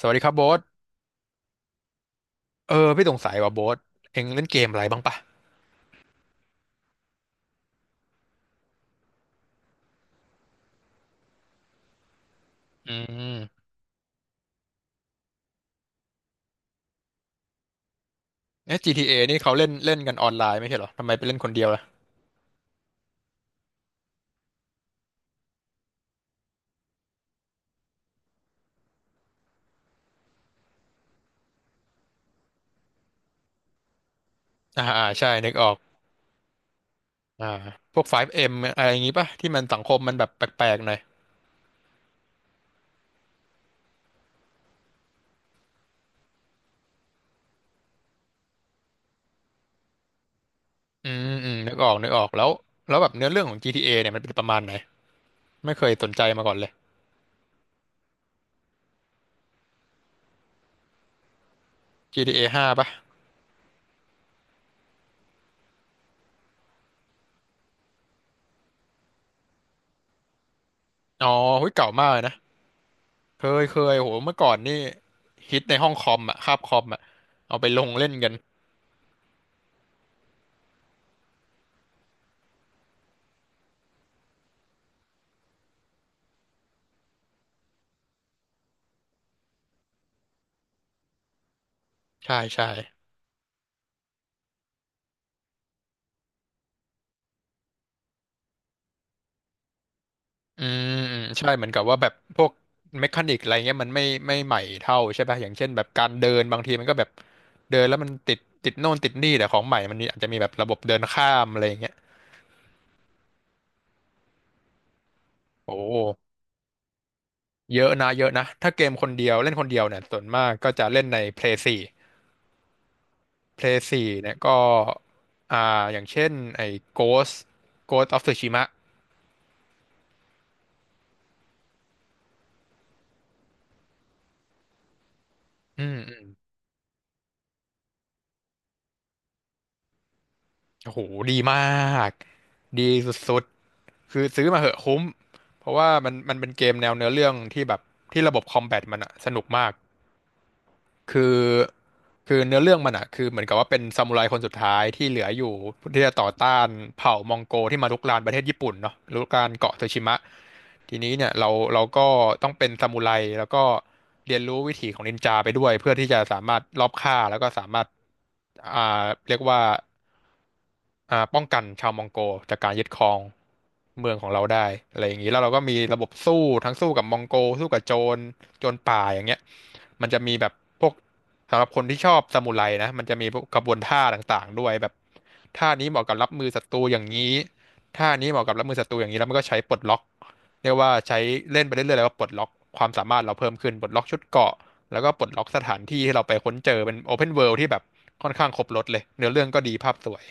สวัสดีครับโบ๊ทเออพี่สงสัยว่าโบ๊ทเอ็งเล่นเกมอะไรบ้างปะอืมเอ๊ะ GTA นี่เขาเล่นเล่นกันออนไลน์ไม่ใช่เหรอทำไมไปเล่นคนเดียวล่ะอ่าอ่าใช่นึกออกอ่าพวก 5M อมอะไรอย่างงี้ปะที่มันสังคมมันแบบแปลกๆหน่อยอืมอืมนึกออกนึกออกแล้วแล้วแบบเนื้อเรื่องของ GTA เอเนี่ยมันเป็นประมาณไหนไม่เคยสนใจมาก่อนเลย GTA ห้าปะอ๋อหุ้ยเก่ามากเลยนะ เคยเคยโหเมื่อก่อนนี่ฮิตในห้องคอมอะคาบคอมอะเอาไปลงเล่นกันใช่ใช่ อืมอืมใช่เหมือนกับว่าแบบพวกเมคานิกอะไรเงี้ยมันไม่ใหม่เท่าใช่ป่ะอย่างเช่นแบบการเดินบางทีมันก็แบบเดินแล้วมันติดติดโน่นติดนี่แต่ของใหม่มันมีอาจจะมีแบบระบบเดินข้ามอะไรเงี้ยโอ้เยอะนะเยอะนะถ้าเกมคนเดียวเล่นคนเดียวเนี่ยส่วนมากก็จะเล่นใน Play 4 Play 4เนี่ยก็อ่าอย่างเช่นไอ้ Ghost Ghost of Tsushima อืมอืมโอ้โหดีมากดีสุด คือซื้อมาเหอะคุ้มเพราะว่ามันเป็นเกมแนวเนื้อเรื่องที่แบบที่ระบบคอมแบทมันอะสนุกมากคือเนื้อเรื่องมันอะคือเหมือนกับว่าเป็นซามูไรคนสุดท้ายที่เหลืออยู่ที่จะต่อต้านเผ่ามองโกที่มารุกรานประเทศญี่ปุ่นเนาะรุกรานเกาะโตชิมะ ทีนี้เนี่ยเราก็ต้องเป็นซามูไรแล้วก็เรียนรู้วิถีของนินจาไปด้วยเพื่อที่จะสามารถลอบฆ่าแล้วก็สามารถอ่าเรียกว่าป้องกันชาวมองโกจากการยึดครองเมืองของเราได้อะไรอย่างนี้แล้วเราก็มีระบบสู้ทั้งสู้กับมองโกสู้กับโจรโจรป่าอย่างเงี้ยมันจะมีแบบพวกสำหรับคนที่ชอบซามูไรนะมันจะมีพวกกระบวนท่าต่างๆด้วยแบบท่านี้เหมาะกับรับมือศัตรูอย่างนี้ท่านี้เหมาะกับรับมือศัตรูอย่างนี้แล้วมันก็ใช้ปลดล็อก เรียกว่าใช้เล่นไปเรื่อยๆแล้วก็ปลดล็อกความสามารถเราเพิ่มขึ้นปลดล็อกชุดเกราะแล้วก็ปลดล็อกสถานที่ที่เราไปค้นเจอเป็นโอเพนเวิลด์ที่แบบค่อนข้างครบรถเลยเนื้อเรื่องก็ดีภาพสวย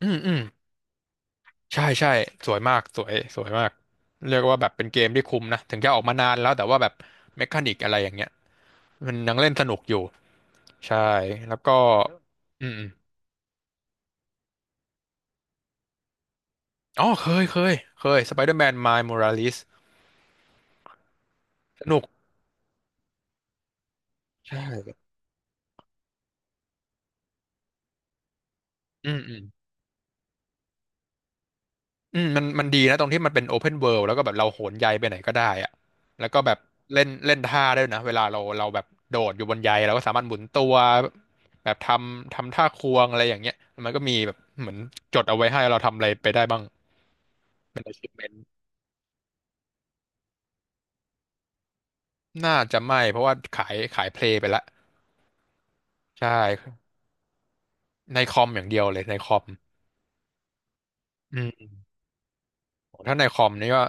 อืมอืมใช่ใช่สวยมากสวยสวยมากเรียกว่าแบบเป็นเกมที่คุ้มนะถึงจะออกมานานแล้วแต่ว่าแบบเมคานิกอะไรอย่างเงี้ยมันยังเล่นสนุกอยู่ใช่แล้วก็อืมอมอ๋อเคยเคยเคยสไปเดอร์แมนไมาย o r ราลิสสนุกใช่อืมอืม อืมมันมันดีนะตรงที่มันเป็นโอเพนเวิ d แล้วก็แบบเราโหนใยไปไหนก็ได้อะแล้วก็แบบเล่นเล่นท่าได้ด้วยนะเวลาเราแบบโดดอยู่บนใยเราก็สามารถหมุนตัวแบบทำทำท่าควงอะไรอย่างเงี้ยมันก็มีแบบเหมือนจดเอาไว้ให้เราทำอะไรไปได้บ้างน่าจะไม่เพราะว่าขายเพลย์ไปละใช่ในคอมอย่างเดียวเลยในคอมอืมถ้าในคอมนี่ก็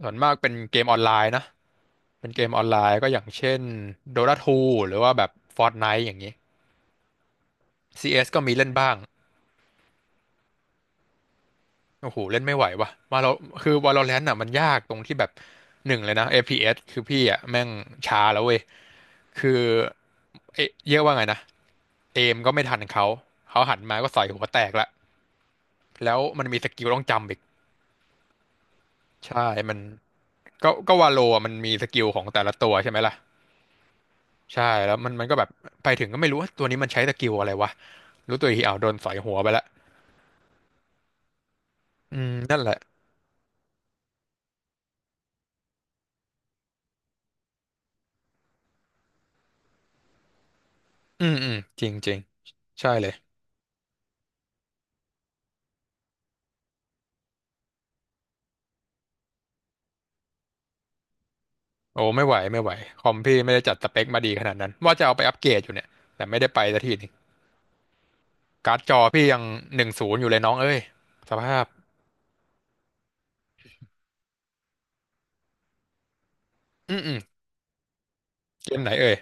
ส่วนมากเป็นเกมออนไลน์นะเป็นเกมออนไลน์ก็อย่างเช่น Dota 2หรือว่าแบบ Fortnite อย่างนี้ซีเอสก็มีเล่นบ้าง โอ้โหเล่นไม่ไหวว่ะมาเราคือ Valorant อ่ะมันยากตรงที่แบบหนึ่งเลยนะเ PS คือพี่อ่ะแม่งช้าแล้วเว้ยคือเอ๊ะเรียกว่าไงนะเอมก็ไม่ทันเขาเขาหันมาก็ใส่หัวแตกละแล้วมันมีสกิลต้องจำอีกใช่มันก็วาโลอะมันมีสกิลของแต่ละตัวใช่ไหมล่ะใช่แล้วมันมันก็แบบไปถึงก็ไม่รู้ว่าตัวนี้มันใช้สกิลอะไรวะรู้ตัวอีกทีอ้าวโดนใส่หัวไปละอืมนั่นแหละอืมอืมจริงจริงใช่เลย โอ้ไม่ไหวไม่ไหวคอมพี่ไม่ได้จัดสเปคมาดีขนาดนั้นว่าจะเอาไปอัปเกรดอยู่เนี่ยแต่ไม่ได้ไปสักทีหนึงการ์ดจอพี่ยัง10อยู่เลยน้องเอ้ยสภาพอืมอืมเกมไหนเอ่ย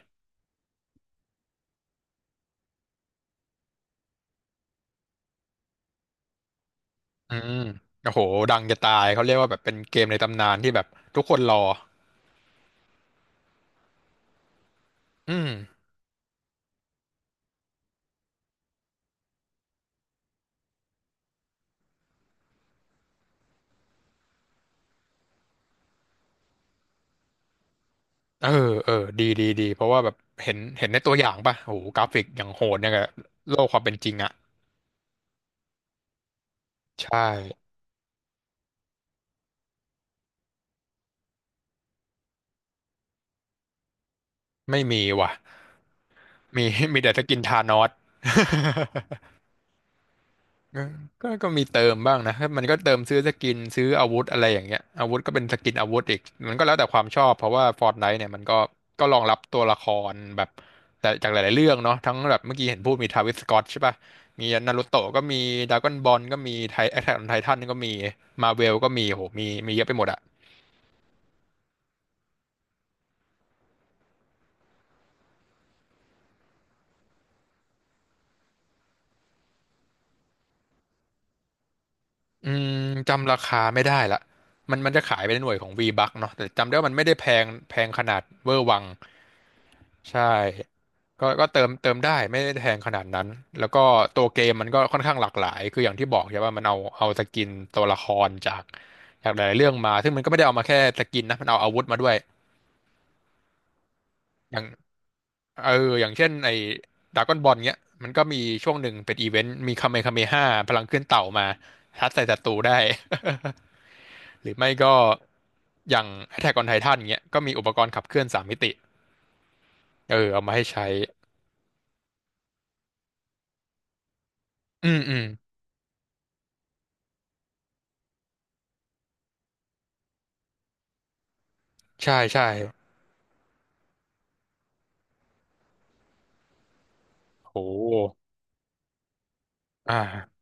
อืมโอ้โหดังจะตายเขาเรียกว่าแบบเป็นเกมในตำนานที่แบบทุกคนรออืมเออเออดีดีดีเพราะว่าแบบเห็นในตัวอย่างป่ะโอ้โหกราฟิกอย่างโหดเนี่ยกับโลกความเป็นจริงอ่ะใช่ไม่มีว่ะมี มีแต่สกินธานอส เออก็ก็มีเติมบ้างนะ มันก็เติมซื้อสกินซื้ออาวุธอะไรอย่างเงี้ยอาวุธก็เป็นสกินอาวุธอีก มันก็แล้วแต่ความชอบ เพราะว่า Fortnite เนี่ยมันก็รองรับตัวละครแบบแต่จากหลายๆเรื่องเนาะทั้งแบบเมื่อกี้เห็นพูดมีทาวิสสก็อตใช่ป่ะมีนารูโตะก็มีดราก้อนบอลก็มีไทแอทแทคออนไททันก็มีมาเวลก็มีโหมี มีเยอะไปหมดอะอืมจำราคาไม่ได้ละมันจะขายไปในหน่วยของ V-Bucks เนาะแต่จำได้ว่ามันไม่ได้แพงแพงขนาดเวอร์วัง ใช่ก็เติมได้ไม่ได้แพงขนาดนั้น แล้วก็ตัวเกมมันก็ค่อนข้างหลากหลาย คืออย่างที่บอกใช่ว่ามันเอาสกินตัวละครจากหลายๆเรื่องมา ซึ่งมันก็ไม่ได้เอามาแค่สกินนะ มันเอาอาวุธมาด้วย อย่างเอออย่างเช่นไอ้ดราก้อนบอลเนี้ยมันก็มีช่วงหนึ่งเป็นอีเวนต์มีคาเมคาเมห้าพลังขึ้นเต่ามาทัดใส่ศัตรูได้ หรือไม่ก็อย่าง Attack on Titan เงี้ยก็มีอุปกรณ์ขับเคลื่อนสามมิติเออเอามาให้ใช้อืมอืมใช่ใช่โห อ่า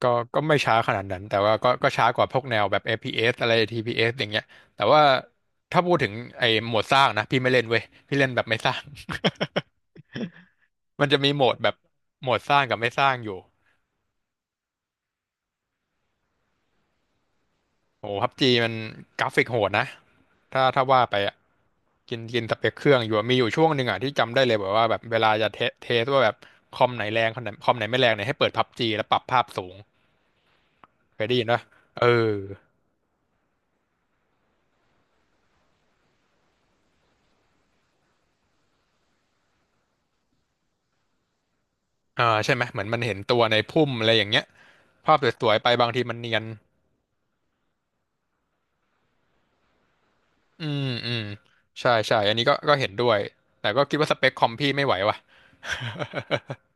ก็ก็ไม่ช้าขนาดนั้นแต่ว่าก็ช้ากว่าพวกแนวแบบ FPS อฟพีเอสอะไร TPS อสอย่างเงี้ยแต่ว่าถ้าพูดถึงไอ้โหมดสร้างนะพี่ไม่เล่นเว้ยพี่เล่นแบบไม่สร้าง มันจะมีโหมดแบบโหมดสร้างกับไม่สร้างอยู่โอ้พับจีมันกราฟิกโหดนะถ้าว่าไปอ่ะกินกินสเปคเครื่องอยู่อะมีอยู่ช่วงหนึ่งอ่ะที่จำได้เลยแบบว่าแบบเวลาจะเทสว่าแบบคอมไหนแรงคอมไหนไม่แรงเนี่ยให้เปิดพับจีแล้วปรับภาพสูงเคยได้ยินปะเออ อ่าใช่ไหมเหมือนมันเห็นตัวในพุ่มอะไรอย่างเงี้ยภาพสวยๆไปบางทีมันเนียนอืมอืมใช่ใช่อันนี้ก็เห็นด้วยแต่ก็คิดว่าสเปคคอมพี่ไม่ไหวว่ะ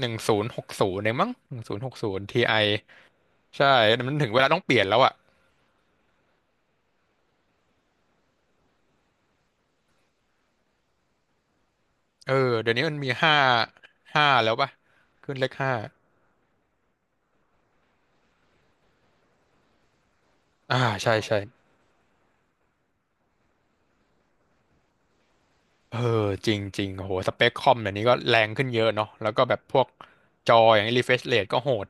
หนึ่งศูนย์หกศูนย์เองมั้งหนึ่งศูนย์หกศูนย์ทีไอใช่ มันถึงเวลาต้องเปลี่ยนแล้วอ่ะเออเดี๋ยวนี้มันมีห้าแล้วป่ะขึ้นเลขห้าอ่าใช่ใช่ใช่เออจริงจริงโหสเปคคอมเดี๋ยวนี้ก็แรงขึ้นเยอะเนาะแล้วก็แบบพวกจออย่างรีเฟรชเรทก็โหด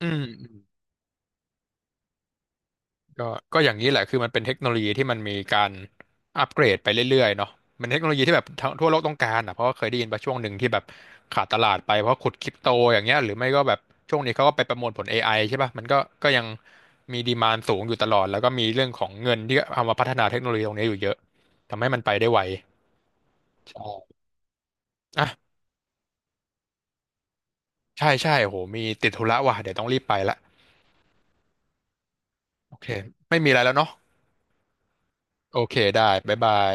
อืม ก็ก็อย่างนี้แหละคือมันเป็นเทคโนโลยีที่มันมีการอัปเกรดไปเรื่อยๆเนาะมันเทคโนโลยีที่แบบทัวทั่วโลกต้องการอ่ะเพราะว่าเคยได้ยินไปช่วงหนึ่งที่แบบขาดตลาดไปเพราะขุดคริปโตอย่างเงี้ยหรือไม่ก็แบบช่วงนี้เขาก็ไปประมวลผล AI ใช่ป่ะมันก็ยังมีดีมานสูงอยู่ตลอดแล้วก็มีเรื่องของเงินที่เอามาพัฒนาเทคโนโลยีตรงนี้อยู่เยอะทำให้มันไปได้ไวใช่อ่ะใช่ใช่โหมีติดธุระว่ะเดี๋ยวต้องรีบไปละโอเคไม่มีอะไรแล้วเนาะโอเคได้บ๊ายบาย